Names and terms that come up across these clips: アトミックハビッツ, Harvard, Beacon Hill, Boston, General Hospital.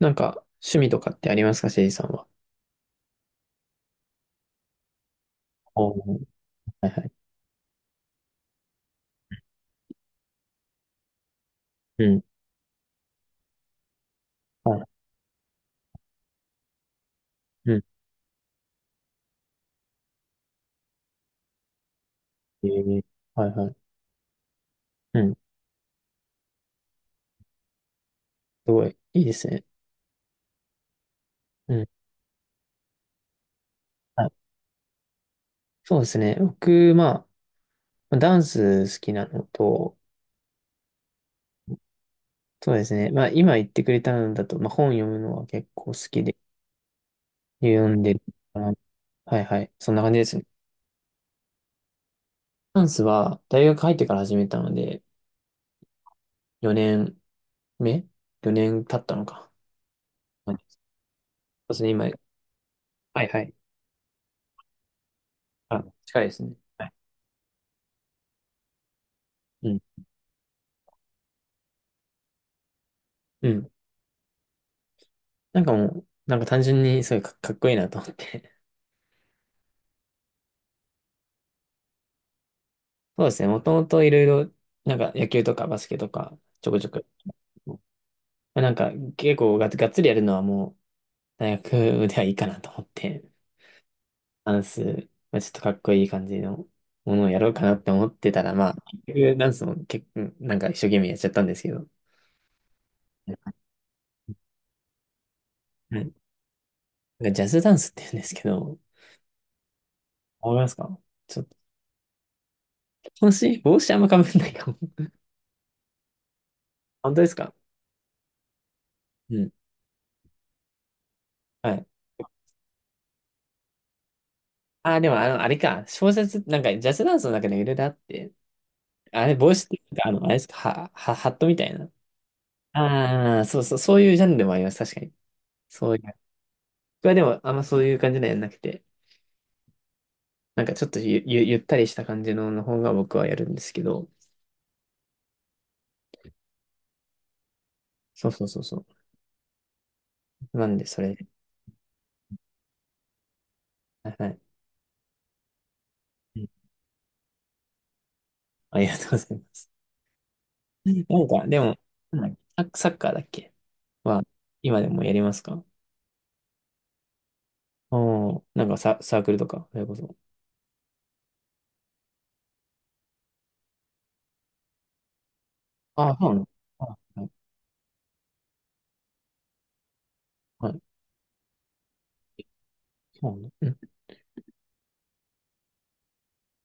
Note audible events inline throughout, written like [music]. なんか、趣味とかってありますか、せいじさんは？おー。はいはい。うん。はい。うん。えー、はいはい。うん。すごい。いいですね。うん。はい。そうですね。僕、まあ、ダンス好きなのと、そうですね。まあ、今言ってくれたのだと、まあ、本読むのは結構好きで、読んでるかな。はいはい。そんな感じですね。ダンスは、大学入ってから始めたので、4年目？ 4 年経ったのか。はい、そうですね、今。はいはい。あ、近いですね。はい。うん。うん。なんかもう、なんか単純にすごいかっこいいなと思って。[laughs] そうですね。もともといろいろ、なんか野球とかバスケとか、ちょこちょこ。まあ、なんか結構がっつりやるのはもう、大学ではいいかなと思って、ダンス、まあ、ちょっとかっこいい感じのものをやろうかなって思ってたら、まあ、結局ダンスも結構、なんか一生懸命やっちゃったんですけど。はい。なんかジャズダンスって言うんですけど、わかりますか？ちょっと、帽子あんま被んないかも。[laughs] 本当ですか？うん。はい。ああ、でもあの、あれか、小説、なんかジャズダンスの中でいろいろあって、あれ、帽子っていうか、あの、あれですか、ハットみたいな。ああ、そうそう、そういうジャンルもあります、確かに。そういう。僕はでも、あんまそういう感じのやんなくて、なんかちょっとゆったりした感じのの方が僕はやるんですけど、そうそうそうそう。なんで、それ、はいはい。うん。ありがとうございます。[laughs] なんか、でも、なんだっけ、サッカーだっけは、今でもやりますか？おー、なんかサークルとか、それこそ。ああ、そうなの。あ、はいはい。そうなの。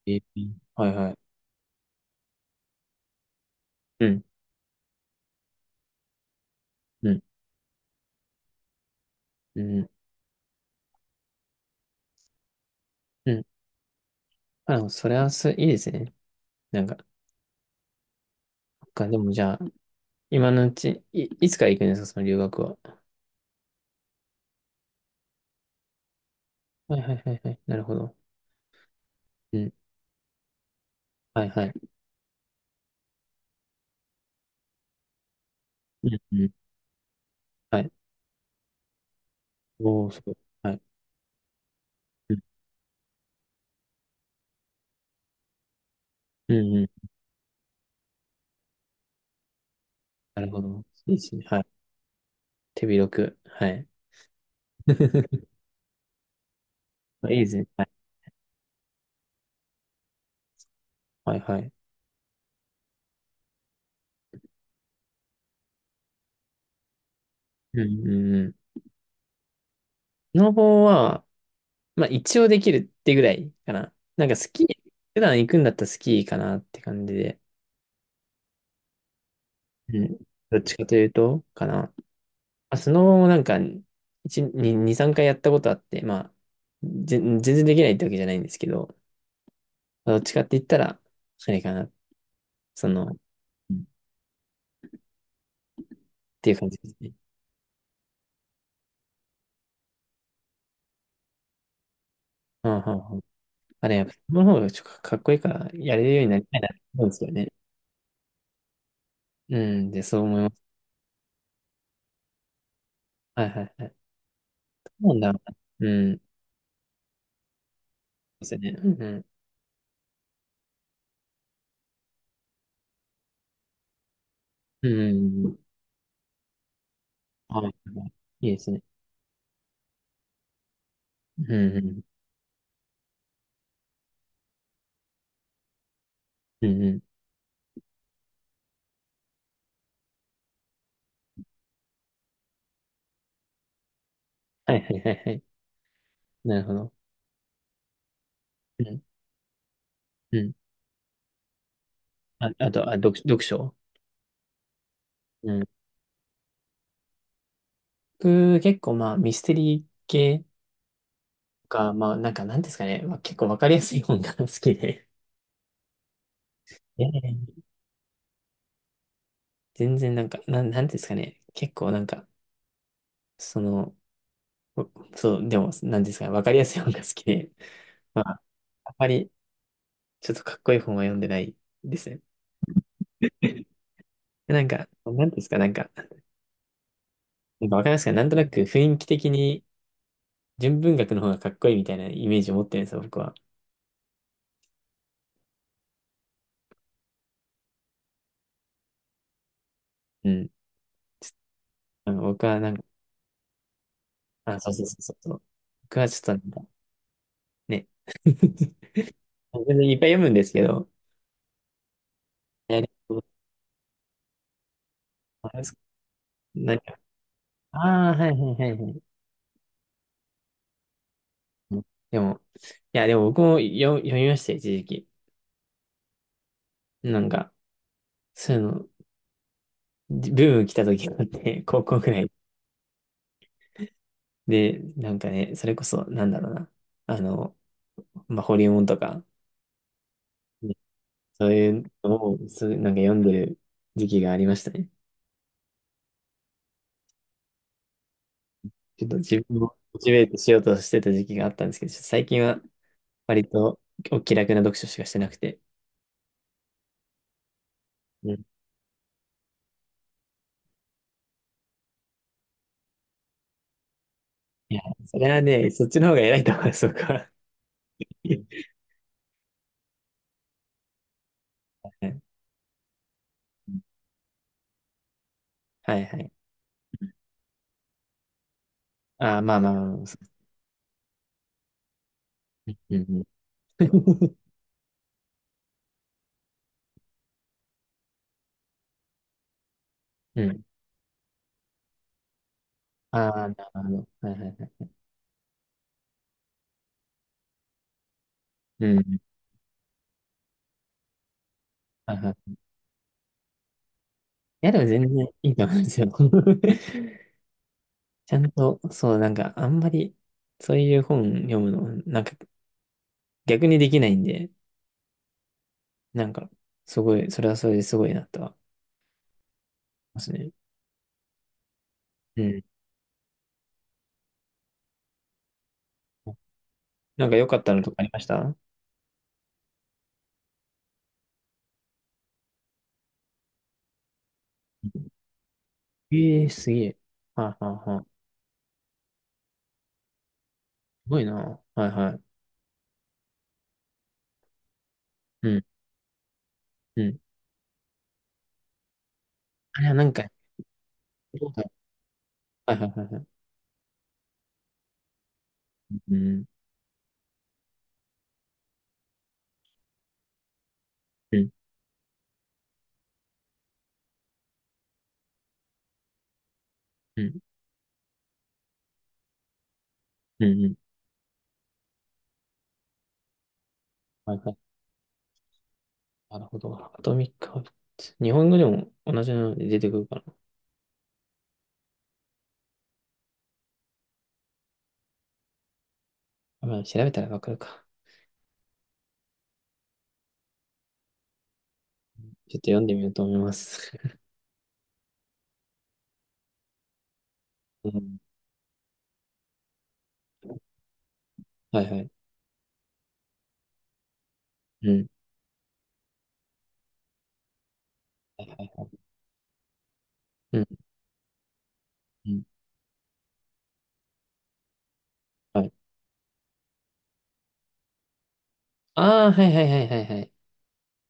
えー、はいはい。うん、うん、うん、うん。あ、でもそれはいいですね。なんか、そっか、でもじゃあ、今のうち、いつから行くんですか、その留学は？はいはいはいはい。なるほど。うん。はいはい。うん、うん。はい。おー、すごい。はい。うん、うん、うん。なるほど。いいですね。はい。手広く。はい。[laughs] いいですね。はい。はいはい。うん、うん、うん。スノボは、まあ一応できるってぐらいかな。なんかスキー、普段行くんだったらスキーかなって感じで。うん。どっちかというと、かな。まあ、スノボもなんか、2、3回やったことあって、まあ、全然できないってわけじゃないんですけど、どっちかって言ったら、それかな。その、うんっていう感じですね。うん、うん、うん。あれ、やっぱ、その方がちょっとかっこいいから、やれるようになりたいなって思うんですよね。うん、で、そう思います。はいはいはい。そうなんだ。うん。そうですよね。うん。うん。うん。はいはい。いいですね。うん。うん。うん。うん。はいはいはいはい。なるほど。うん。うん。あ、あと、あ、読書。うん。僕、結構まあ、ミステリー系か、まあ、なんか、なんですかね、まあ、結構わかりやすい本が [laughs] 好きで。いやいやいや、全然なんか、なんですかね、結構なんか、その、お、そう、でも、なんですかね、わかりやすい本が好きで、まあ、あんまり、ちょっとかっこいい本は読んでないですね。[laughs] なんか、なんですか、なんか、なんかわかりますか、なんとなく雰囲気的に、純文学の方がかっこいいみたいなイメージを持ってるんですよ、僕は。うん。あの、僕はなんか、あ、そうそうそうそうそう。僕はちょっとなんか、ね。[laughs] 全然いっぱい読むんですけど。え、でもあれですか、何か、ああ、はいはいはいはい。うん。でも、いや、でも僕も読みましたよ、一時期。なんか、そういうの、ブーム来た時があって、[laughs] 高校くらい。で、なんかね、それこそ、なんだろうな。あの、まあ、ホリエモンとか、ね、そういうのを、そう、なんか読んでる時期がありましたね。ちょっと自分をモチベートしようとしてた時期があったんですけど、ちょっと最近は割とお気楽な読書しかしてなくて。うん。いや、それはね、そっちの方が偉いと思います、僕は。[laughs] はいはいはい。ああ、まあまあまあまあ、そう。うんうん。[laughs] うん。ああ、なるほど。はいはいはい。うん。はいはい。いや、でも全然いいと思うんですよ。[laughs] ちゃんと、そう、なんか、あんまり、そういう本読むの、なんか、逆にできないんで、なんか、すごい、それはそれですごいなとは思いますね。うん。なんか良かったのとかありましたええ、すげえ。はいはいはい。すごいな。はいはい。うん、うん。あれはなんか、はいはいはいはい。うん、うん、うん、うん。うん。はいはい。なるほど。アトミックハビッツ。日本語でも同じので出てくるかな。まあ、調べたらわかるか。ちょっと読んでみようと思います。[laughs] うん、はいはい。うん、はいはい。うん、うん。はい。ああ、はいはいはいはいはい。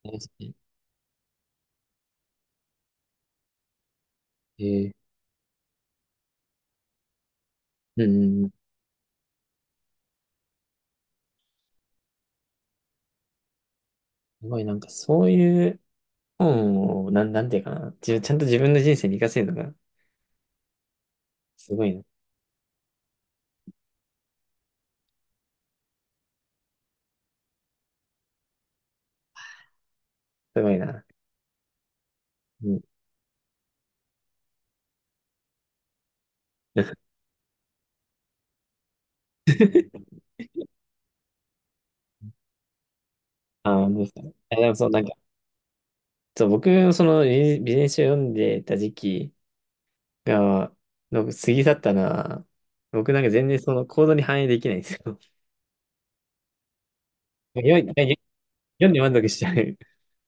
そうですね。えー、うん、うんうん。すごい、なんかそういう本を、なんていうかな。自分ちゃんと自分の人生に活かせるのが、すごいな。すごいな。うん。[laughs] ああ、本う。ですか。え、でもそう、なんか、そう、僕、そのビジネス書を読んでた時期が、の過ぎ去ったのは、僕なんか全然その行動に反映できないんですよ。[laughs] 読んで満足しちゃう。[laughs]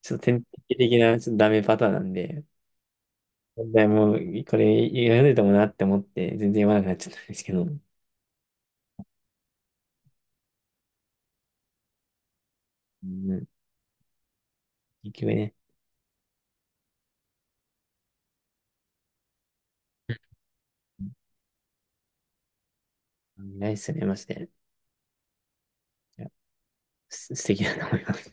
ちょっと典型的なちょっとダメパターンなんで、問題もうこれ読んでたもんなって思って、全然読まなくなっちゃったんですけど、うん、結局ね、うん、ないっすね、マジで。いや、素敵だと思います。